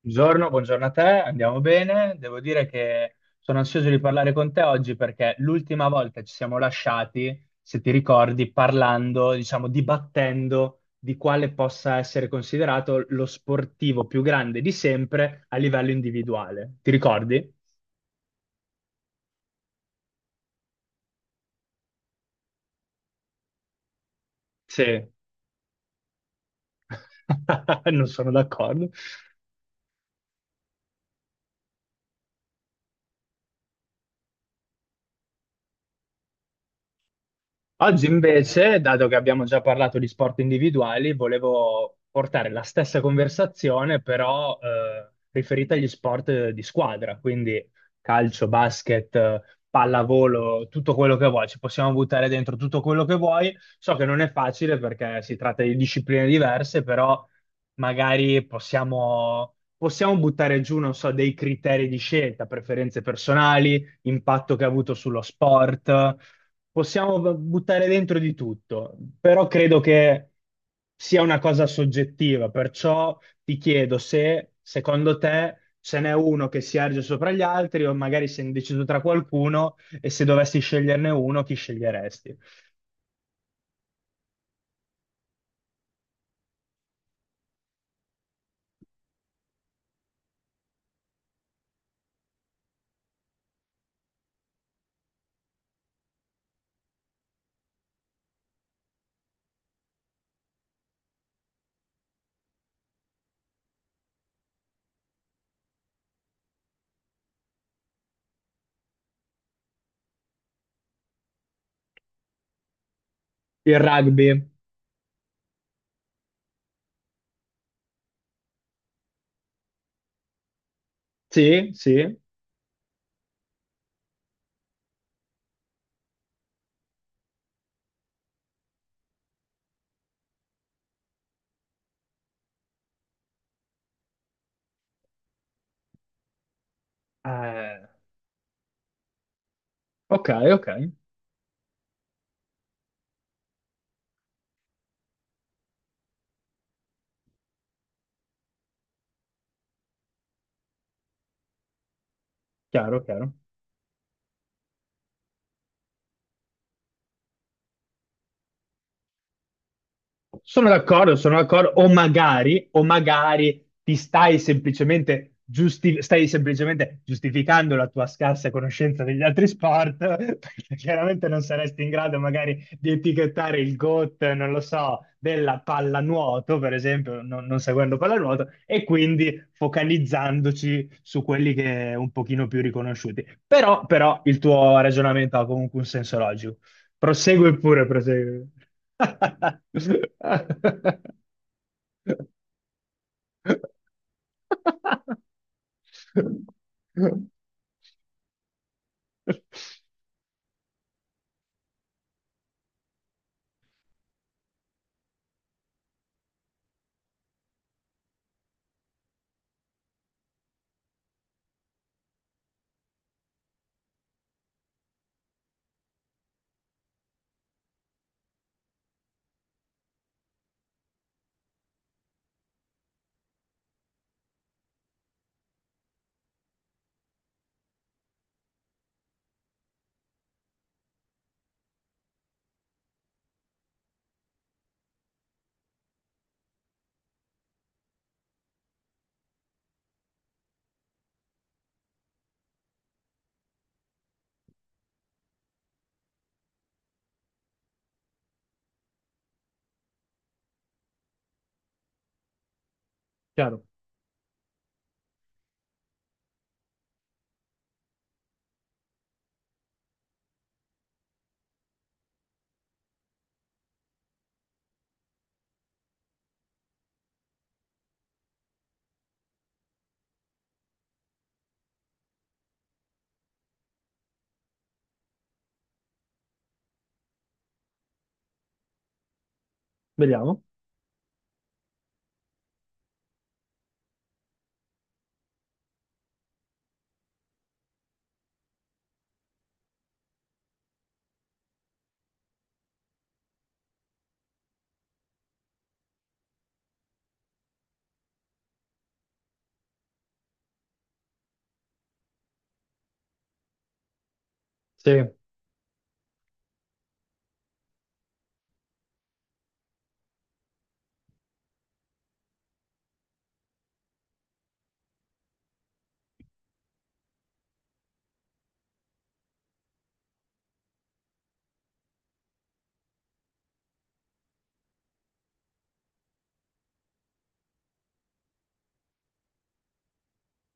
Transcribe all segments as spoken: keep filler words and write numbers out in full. Buongiorno, buongiorno a te, andiamo bene. Devo dire che sono ansioso di parlare con te oggi perché l'ultima volta ci siamo lasciati, se ti ricordi, parlando, diciamo, dibattendo di quale possa essere considerato lo sportivo più grande di sempre a livello individuale. Ti ricordi? Sì, non sono d'accordo. Oggi invece, dato che abbiamo già parlato di sport individuali, volevo portare la stessa conversazione, però eh, riferita agli sport eh, di squadra, quindi calcio, basket, eh, pallavolo, tutto quello che vuoi, ci possiamo buttare dentro tutto quello che vuoi. So che non è facile perché si tratta di discipline diverse, però magari possiamo, possiamo buttare giù, non so, dei criteri di scelta, preferenze personali impatto che ha avuto sullo sport. Possiamo b- buttare dentro di tutto, però credo che sia una cosa soggettiva, perciò ti chiedo se secondo te ce n'è uno che si erge sopra gli altri o magari sei indeciso tra qualcuno e se dovessi sceglierne uno, chi sceglieresti? Il rugby? Sì, sì. Eh, ok, ok, chiaro, chiaro. Sono d'accordo, sono d'accordo, o magari, o magari ti stai semplicemente, giusti- stai semplicemente giustificando la tua scarsa conoscenza degli altri sport, perché chiaramente non saresti in grado magari di etichettare il GOAT, non lo so, della pallanuoto, per esempio, non, non seguendo pallanuoto, e quindi focalizzandoci su quelli che un pochino più riconosciuti. Però, però il tuo ragionamento ha comunque un senso logico. Prosegue pure, prosegue. Chiaro. Vediamo. Sì.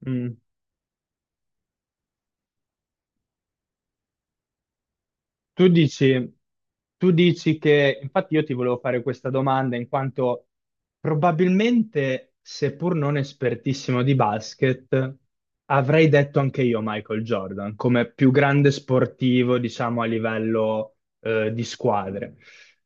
Mm. Tu dici, tu dici che, infatti io ti volevo fare questa domanda in quanto probabilmente, seppur non espertissimo di basket, avrei detto anche io Michael Jordan come più grande sportivo, diciamo, a livello eh, di squadre.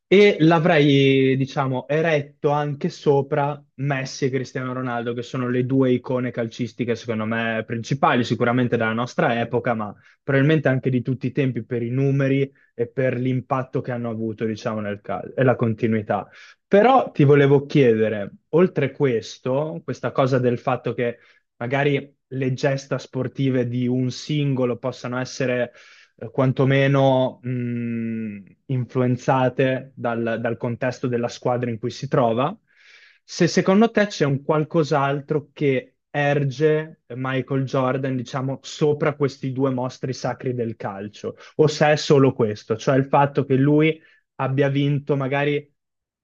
E l'avrei, diciamo, eretto anche sopra Messi e Cristiano Ronaldo, che sono le due icone calcistiche, secondo me, principali, sicuramente della nostra epoca, ma probabilmente anche di tutti i tempi per i numeri e per l'impatto che hanno avuto, diciamo, nel calcio e la continuità. Però ti volevo chiedere, oltre questo, questa cosa del fatto che magari le gesta sportive di un singolo possano essere eh, quantomeno mh, influenzate dal, dal contesto della squadra in cui si trova, se secondo te c'è un qualcos'altro che erge Michael Jordan, diciamo, sopra questi due mostri sacri del calcio o se è solo questo, cioè il fatto che lui abbia vinto magari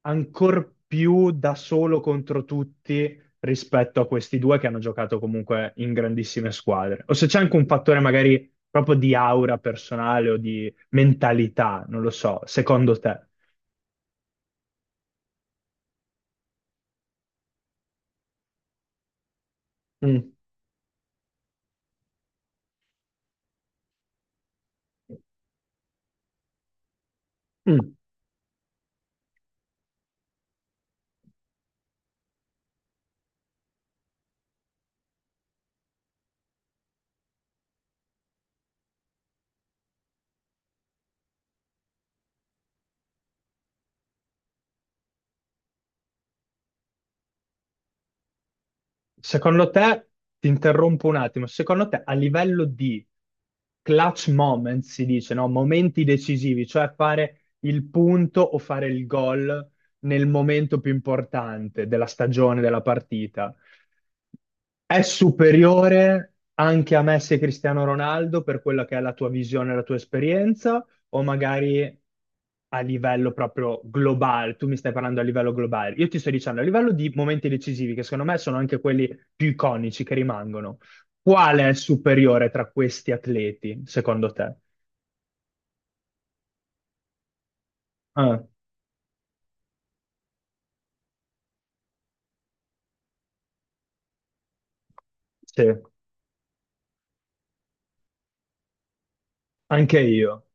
ancor più da solo contro tutti rispetto a questi due che hanno giocato comunque in grandissime squadre, o se c'è anche un fattore magari proprio di aura personale o di mentalità, non lo so, secondo te? Mm. Mm. Secondo te, ti interrompo un attimo, secondo te a livello di clutch moment si dice, no? Momenti decisivi, cioè fare il punto o fare il gol nel momento più importante della stagione, della partita. È superiore anche a Messi e Cristiano Ronaldo per quella che è la tua visione, la tua esperienza, o magari a livello proprio globale? Tu mi stai parlando a livello globale. Io ti sto dicendo a livello di momenti decisivi, che secondo me sono anche quelli più iconici che rimangono. Quale è superiore tra questi atleti, secondo te? Ah, sì, anche io.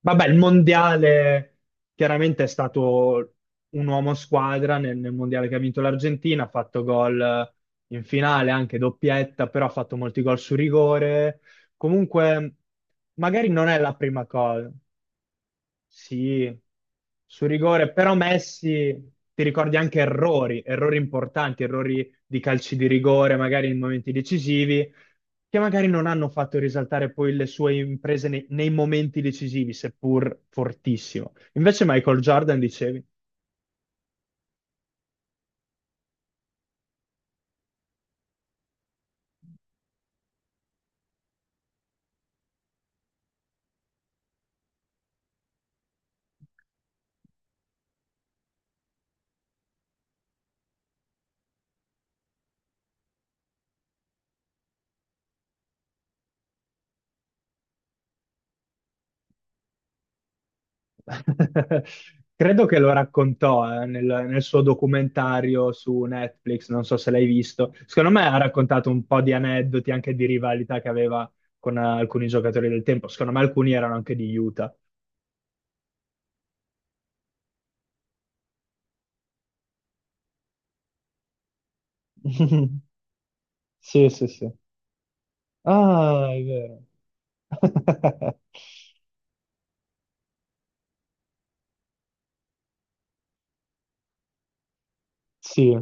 Vabbè, il mondiale chiaramente è stato un uomo squadra nel, nel mondiale che ha vinto l'Argentina, ha fatto gol eh, in finale, anche doppietta, però ha fatto molti gol su rigore. Comunque, magari non è la prima cosa. Sì, su rigore, però Messi ti ricordi anche errori, errori importanti, errori di calci di rigore, magari in momenti decisivi, che magari non hanno fatto risaltare poi le sue imprese nei, nei momenti decisivi, seppur fortissimo. Invece Michael Jordan, dicevi? Credo che lo raccontò eh, nel, nel suo documentario su Netflix, non so se l'hai visto. Secondo me ha raccontato un po' di aneddoti anche di rivalità che aveva con eh, alcuni giocatori del tempo. Secondo me alcuni erano anche di Utah. Sì, sì, sì. Ah, è vero. Sì,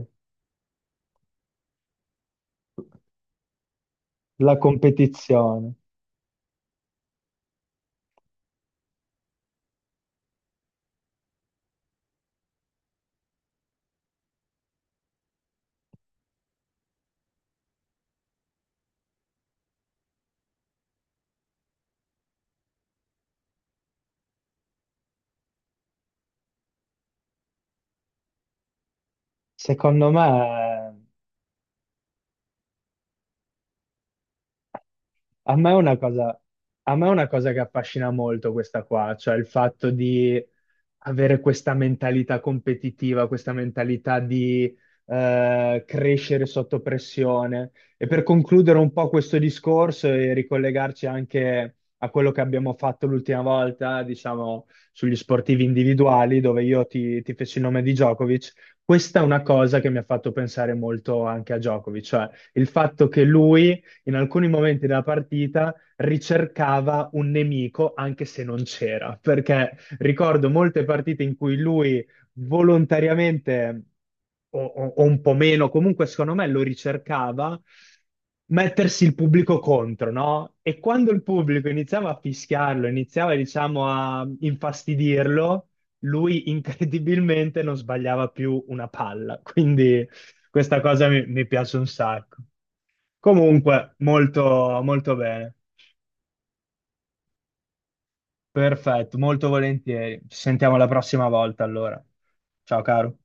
la competizione. Secondo me. A me è una cosa, a me è una cosa che affascina molto questa qua, cioè il fatto di avere questa mentalità competitiva, questa mentalità di eh, crescere sotto pressione. E per concludere un po' questo discorso e ricollegarci anche a quello che abbiamo fatto l'ultima volta, diciamo, sugli sportivi individuali, dove io ti, ti feci il nome di Djokovic, questa è una cosa che mi ha fatto pensare molto anche a Djokovic, cioè il fatto che lui in alcuni momenti della partita ricercava un nemico anche se non c'era, perché ricordo molte partite in cui lui volontariamente o, o- o un po' meno, comunque secondo me lo ricercava mettersi il pubblico contro, no? E quando il pubblico iniziava a fischiarlo, iniziava, diciamo, a infastidirlo, lui incredibilmente non sbagliava più una palla. Quindi questa cosa mi mi piace un sacco. Comunque, molto, molto bene. Perfetto, molto volentieri. Ci sentiamo la prossima volta allora. Ciao caro.